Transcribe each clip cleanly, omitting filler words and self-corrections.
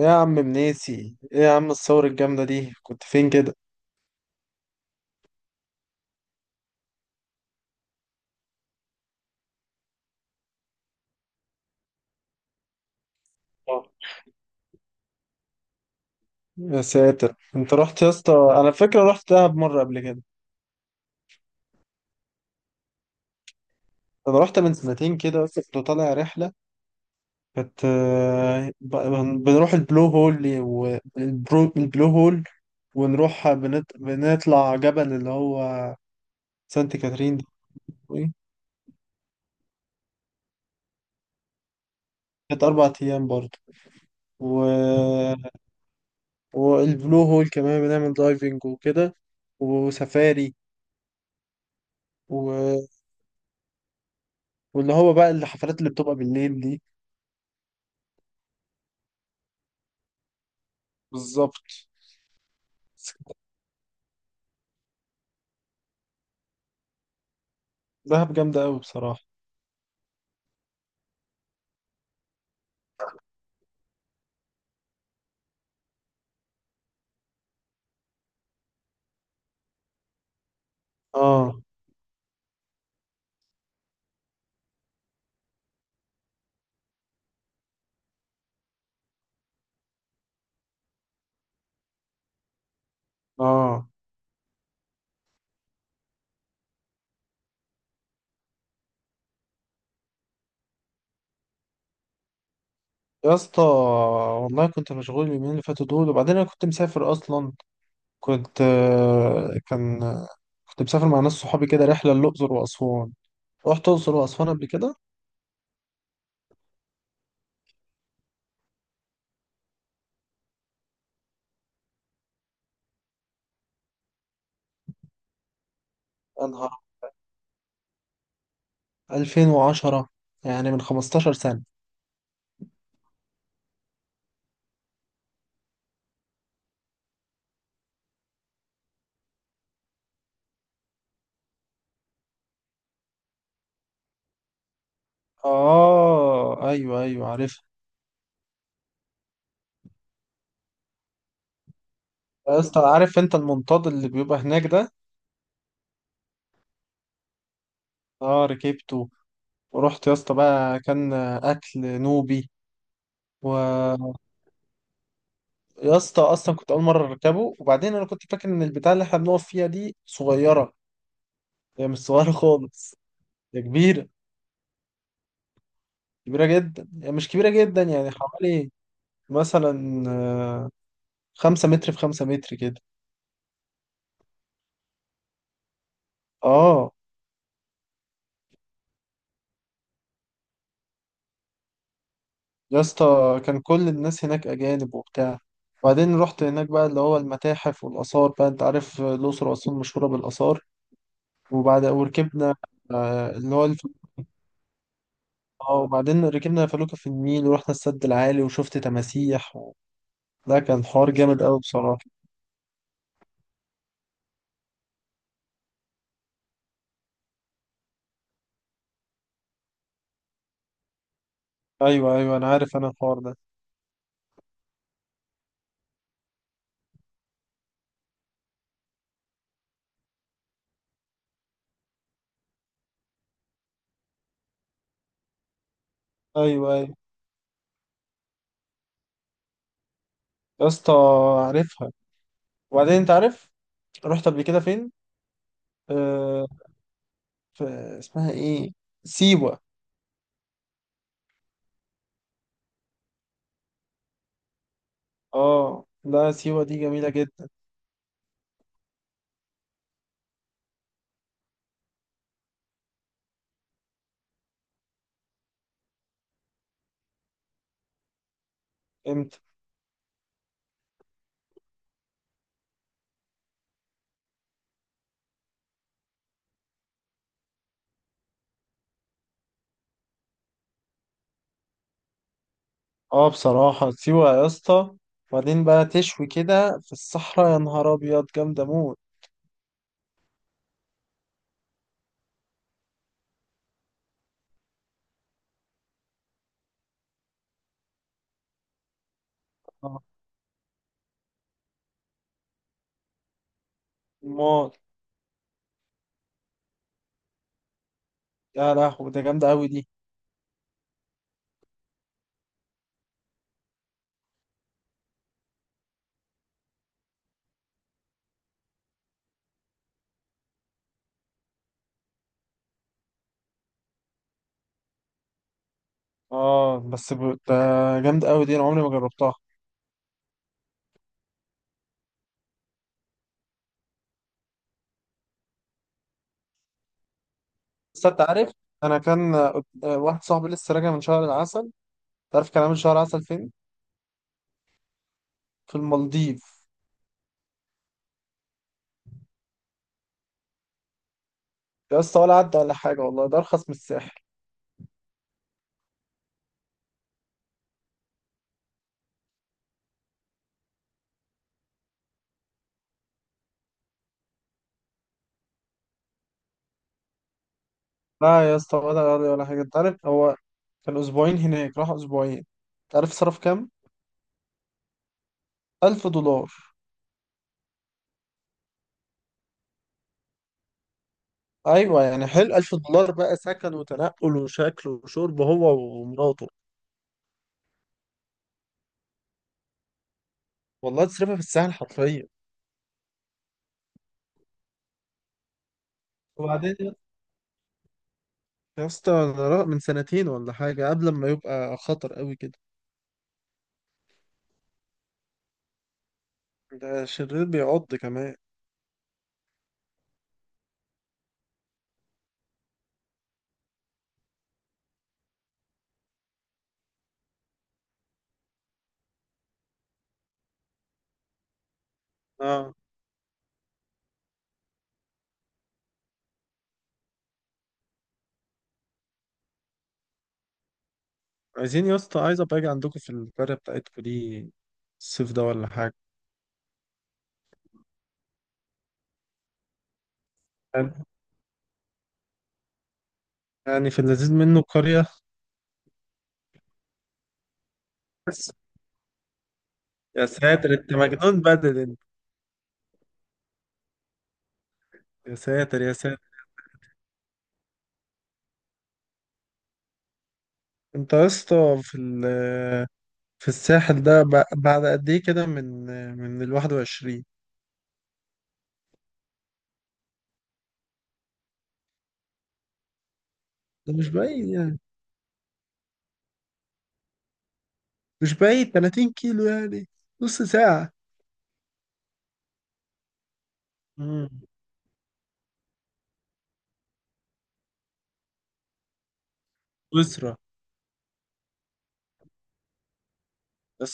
إيه يا عم مناسي، ايه يا عم الثورة الجامدة دي، كنت فين كده؟ آه. يا ساتر، انت رحت يا اسطى. انا فاكر رحت دهب مرة قبل كده. انا رحت من سنتين كده بس كنت طالع رحلة. كانت بنروح البلو هول والبلو هول، ونروح بنطلع جبل اللي هو سانت كاترين ده. إيه؟ كانت 4 أيام برضه و... والبلو هول كمان بنعمل دايفنج وكده وسفاري، واللي هو بقى الحفلات اللي بتبقى بالليل دي. بالظبط. بس كانت دهب جامدة أوي بصراحة. اه. اه يا اسطى، والله كنت مشغول اليومين اللي فاتوا دول، وبعدين انا كنت مسافر اصلا. كنت آه، كان كنت مسافر مع ناس صحابي كده، رحله للاقصر واسوان. رحت الاقصر واسوان قبل كده. يا نهار، 2010، يعني من 15 سنه. اه ايوه ايوه عارف. يا اسطى، عارف انت المنطاد اللي بيبقى هناك ده؟ اه ركبته. ورحت يا اسطى بقى، كان اكل نوبي. ويا اسطى، اصلا كنت اول مره اركبه، وبعدين انا كنت فاكر ان البتاع اللي احنا بنقف فيها دي صغيره. هي مش صغيره خالص. هي كبيره. كبيره جدا، هي مش كبيره جدا يعني، حوالي مثلا 5 متر في 5 متر كده. اه. يا اسطى كان كل الناس هناك اجانب وبتاع. وبعدين رحت هناك بقى اللي هو المتاحف والآثار، بقى أنت عارف الأقصر وأسوان مشهورة بالآثار. وبعد وركبنا آه، اللي هو اه، وبعدين ركبنا فلوكة في النيل ورحنا السد العالي وشفت تماسيح و... ده كان حوار جامد قوي بصراحة. ايوه ايوه انا عارف انا الحوار ده. ايوه ايوه. يا اسطى، عارفها. وبعدين انت عارف، رحت قبل كده فين؟ آه... في... اسمها ايه؟ سيوة. اه لا، سيوة دي جميلة جدا. امتى؟ اه بصراحة سيوة يا اسطى، وبعدين بقى تشوي كده في الصحراء، يا نهار ابيض جامدة موت. اه موت. يا لهوي، ده جامدة قوي دي. اه بس ده جامد قوي دي، انا عمري ما جربتها. بس انت عارف، انا كان واحد صاحبي لسه راجع من شهر العسل. تعرف كان عامل شهر عسل فين؟ في المالديف. يا اسطى، ولا عدى ولا حاجه، والله ده ارخص من الساحل. لا يا اسطى، ولا غالي ولا حاجه. انت عارف هو كان اسبوعين هناك، راح اسبوعين، تعرف صرف كام؟ $1000. ايوه يعني حلو. $1000 بقى سكن وتنقل وشكل وشرب هو ومراته. والله تصرفها في الساحل حرفيا. وبعدين يا اسطى، أنا من سنتين ولا حاجة، قبل ما يبقى خطر قوي كده. ده شرير بيعض كمان. اه. عايزين يا اسطى، عايز ابقى اجي عندكم في القرية بتاعتكم دي الصيف ده ولا حاجة. يعني يعني في اللذيذ منه قرية. بس يا ساتر، انت مجنون بدل انت. يا ساتر يا ساتر. انت يا اسطى في الساحل ده بعد قد ايه كده، من ال 21؟ ده مش بعيد يعني. مش بعيد، 30 كيلو يعني، نص ساعة. امم أسرة.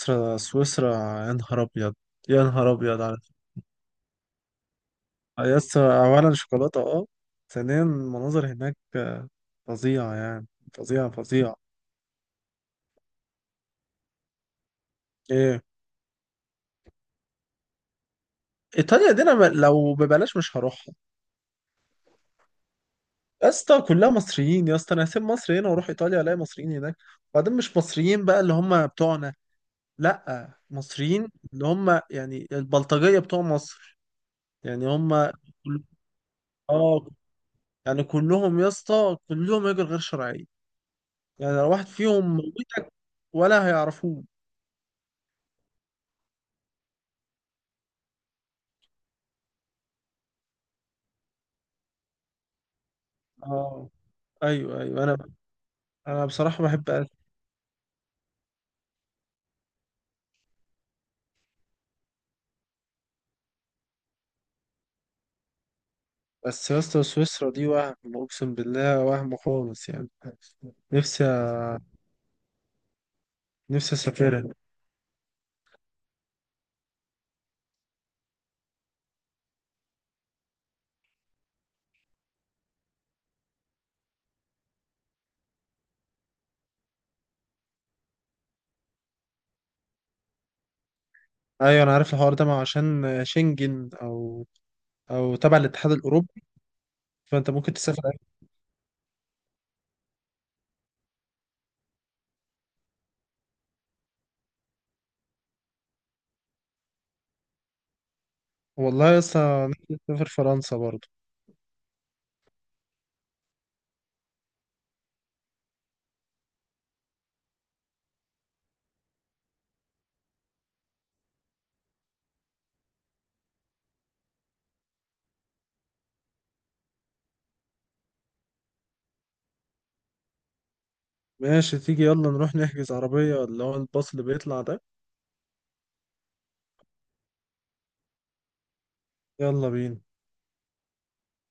سويسرا سويسرا. يا نهار ابيض، يا نهار ابيض على فكرة. يا اسطى، اولا شوكولاته اه، ثانيا المناظر هناك فظيعه يعني. فظيعه فظيعه. ايه. ايطاليا دي انا لو ببلاش مش هروحها. يا اسطى كلها مصريين يا اسطى، انا هسيب مصر هنا واروح ايطاليا الاقي مصريين هناك. وبعدين مش مصريين بقى اللي هم بتوعنا. لا، مصريين اللي هم يعني البلطجيه بتوع مصر. يعني هم كل- اه، يعني كلهم يا اسطى كلهم هجر غير شرعي. يعني لو واحد فيهم موتك ولا هيعرفوه. اه ايوه ايوه انا بصراحه بحب ألف. بس يا اسطى، سويسرا دي وهم، اقسم بالله وهم خالص يعني. نفسي نفسي اسافرها. ايوه انا عارف الحوار ده، ما هو عشان شنجن او تبع الاتحاد الاوروبي. فانت ممكن تسافر أي-. والله يا اسطى نفسي اسافر فرنسا برضه. ماشي، تيجي يلا نروح نحجز عربيه اللي هو الباص اللي بيطلع ده. يلا بينا.